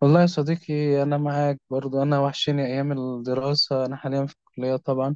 والله يا صديقي أنا معاك برضو. أنا وحشني أيام الدراسة. أنا حاليا في الكلية طبعا،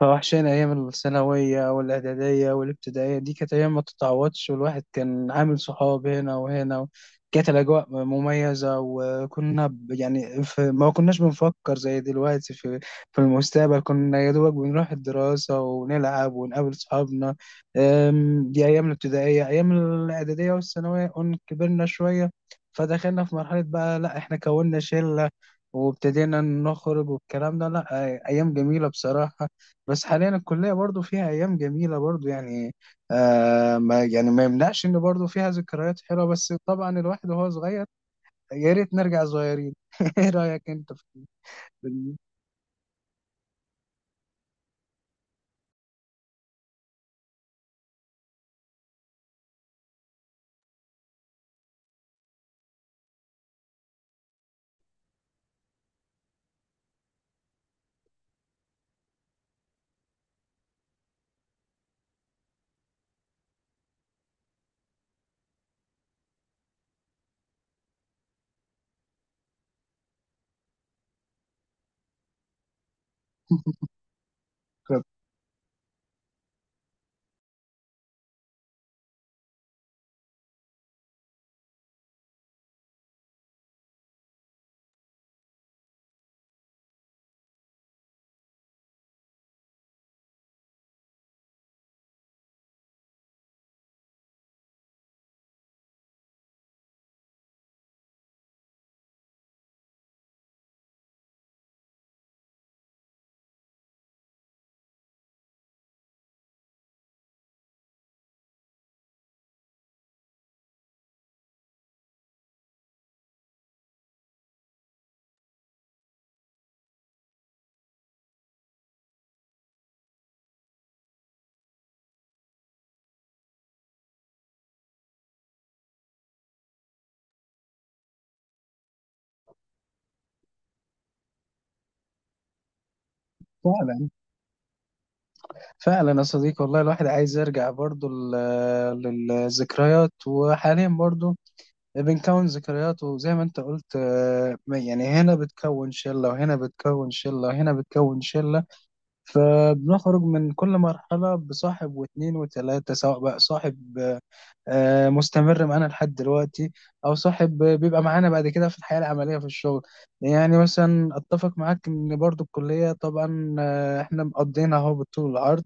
فوحشاني أيام الثانوية والإعدادية والابتدائية. دي كانت أيام ما تتعوضش، والواحد كان عامل صحاب هنا وهنا و... كانت الأجواء مميزة. يعني في ما كناش بنفكر زي دلوقتي في في المستقبل. كنا يا دوبك بنروح الدراسة ونلعب ونقابل صحابنا. دي أيام الابتدائية. أيام الإعدادية والثانوية كبرنا شوية، فدخلنا في مرحلة بقى لأ، إحنا كوننا شلة وابتدينا نخرج والكلام ده. لأ، أيام جميلة بصراحة. بس حاليا الكلية برضو فيها أيام جميلة برضو يعني. آه، ما يعني ما يمنعش إن برضو فيها ذكريات حلوة، بس طبعا الواحد وهو صغير. يا ريت نرجع صغيرين. إيه رأيك أنت في الفكرة؟ فعلا، فعلا يا صديقي، والله الواحد عايز يرجع برضو للذكريات. وحاليا برضو بنكون ذكريات، وزي ما أنت قلت آه، يعني هنا بتكون شلة وهنا بتكون شلة وهنا بتكون شلة، فبنخرج من كل مرحلة بصاحب واتنين وتلاتة. سواء بقى صاحب آه، مستمر معانا لحد دلوقتي، أو صاحب بيبقى معانا بعد كده في الحياة العملية في الشغل. يعني مثلا أتفق معاك إن برضو الكلية طبعا آه، إحنا مقضينها أهو بالطول والعرض.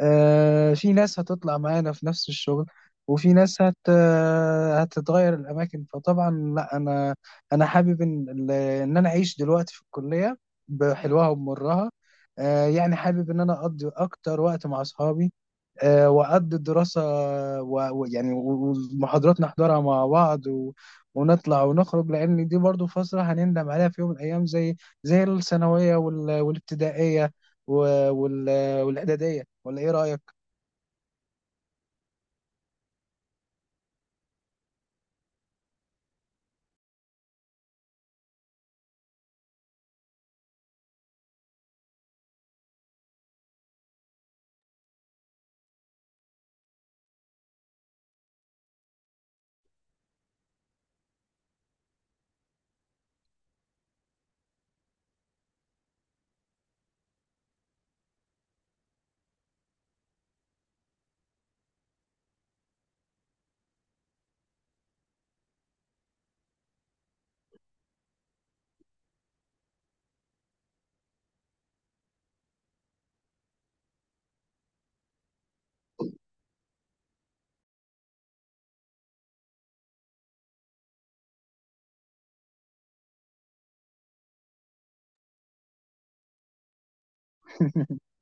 آه، في ناس هتطلع معانا في نفس الشغل، وفي ناس هت آه، هتتغير الأماكن. فطبعا لا، أنا حابب إن أنا أعيش دلوقتي في الكلية بحلوها ومرها. آه، يعني حابب ان انا اقضي اكتر وقت مع اصحابي، آه، وأقضي الدراسة و- ويعني و- والمحاضرات نحضرها مع بعض و... ونطلع ونخرج، لأن دي برضو فترة هنندم عليها في يوم من الأيام، زي زي الثانوية والابتدائية و... وال... والإعدادية. ولا إيه رأيك؟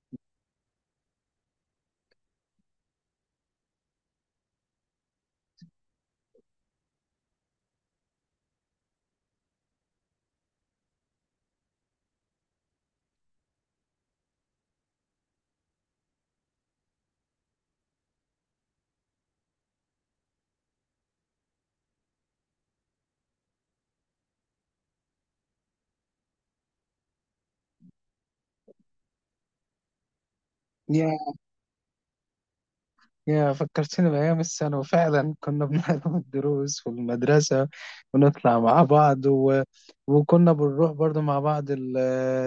يا، فكرتني بأيام الثانوي فعلا. كنا بنحضر الدروس والمدرسة ونطلع مع بعض و... وكنا بنروح برضو مع بعض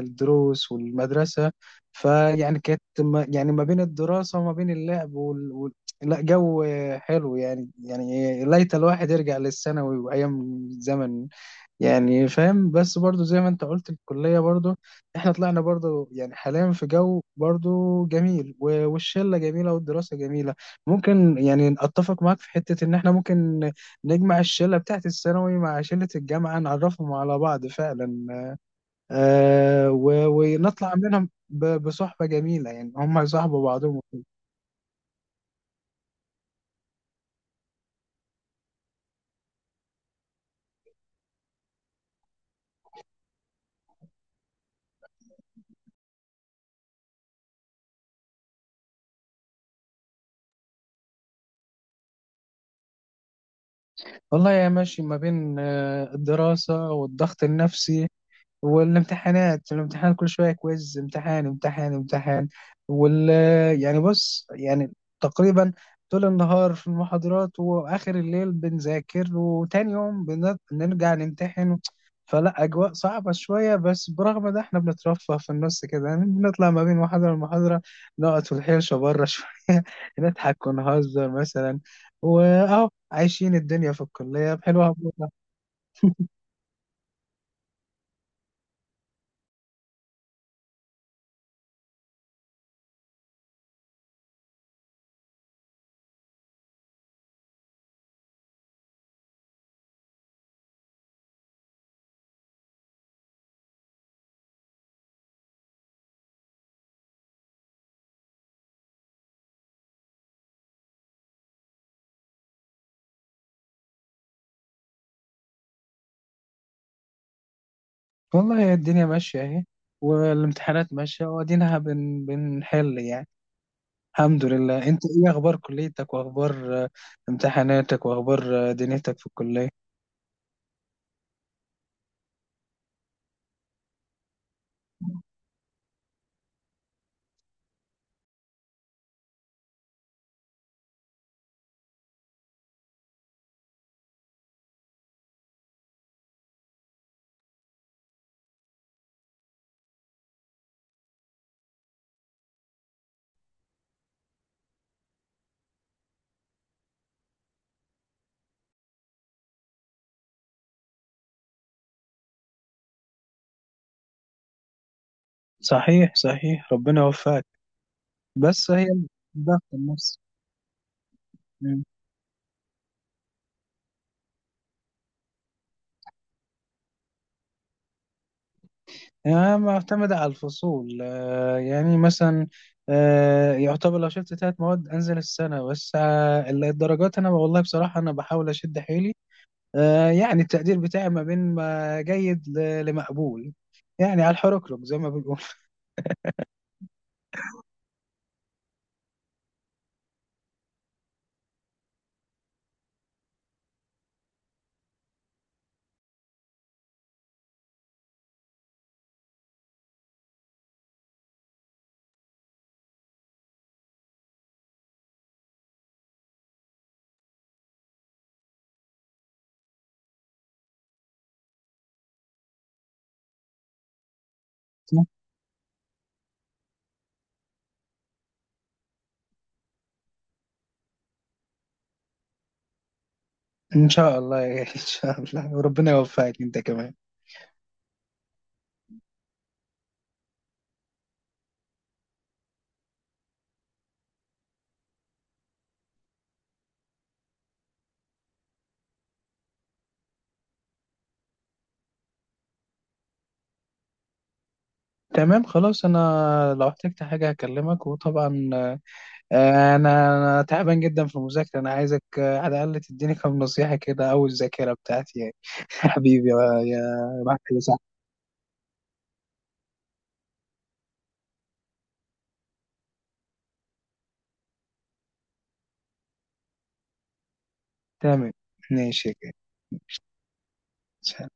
الدروس والمدرسة. فيعني كانت ما... يعني ما بين الدراسة وما بين اللعب لا، جو حلو يعني. يعني ليت الواحد يرجع للثانوي وأيام زمن. يعني فاهم، بس برضو زي ما انت قلت الكلية برضو احنا طلعنا برضو يعني حاليا في جو برضو جميل والشلة جميلة والدراسة جميلة. ممكن يعني اتفق معاك في حتة ان احنا ممكن نجمع الشلة بتاعت الثانوي مع شلة الجامعة، نعرفهم على بعض فعلا. آه، و... ونطلع منهم بصحبة جميلة يعني، هم يصاحبوا بعضهم. والله يا ماشي، ما بين آه، الدراسة والضغط النفسي والامتحانات. الامتحان كل شوية، كويز، امتحان امتحان امتحان. وال... يعني بص يعني تقريبا طول النهار في المحاضرات، وآخر الليل بنذاكر، وتاني يوم بنرجع نمتحن. فلا، أجواء صعبة شوية، بس برغم ده احنا بنترفه في النص كده يعني. بنطلع ما بين محاضرة لمحاضرة، نقعد في الحيشة بره شوية، نضحك ونهزر مثلا، وأهو عايشين الدنيا في الكلية بحلوها. والله هي الدنيا ماشية اهي، والامتحانات ماشية وادينها بنحل يعني. الحمد لله. انت ايه اخبار كليتك واخبار آه، امتحاناتك واخبار آه، دنيتك في الكلية؟ صحيح، صحيح، ربنا يوفقك. بس هي الضغط النفسي. مم. يعني معتمدة على الفصول. آه، يعني مثلا آه، يعتبر لو شفت 3 مواد انزل السنة. بس آه، الدرجات انا والله بصراحة انا بحاول اشد حيلي. آه، يعني التقدير بتاعي ما بين ما جيد لمقبول، يعني على الحركرك زي ما بيقولوا. ان شاء الله يا- ان شاء الله، وربنا يوفقك انت كمان. تمام، خلاص. انا لو احتجت حاجه هكلمك. وطبعا آه، أنا تعبان جدا في المذاكره. انا عايزك آه، على الاقل تديني كام نصيحه كده، او الذاكره بتاعتي يعني. حبيبي يا، يا، يا صاحبي. تمام، ماشي كده.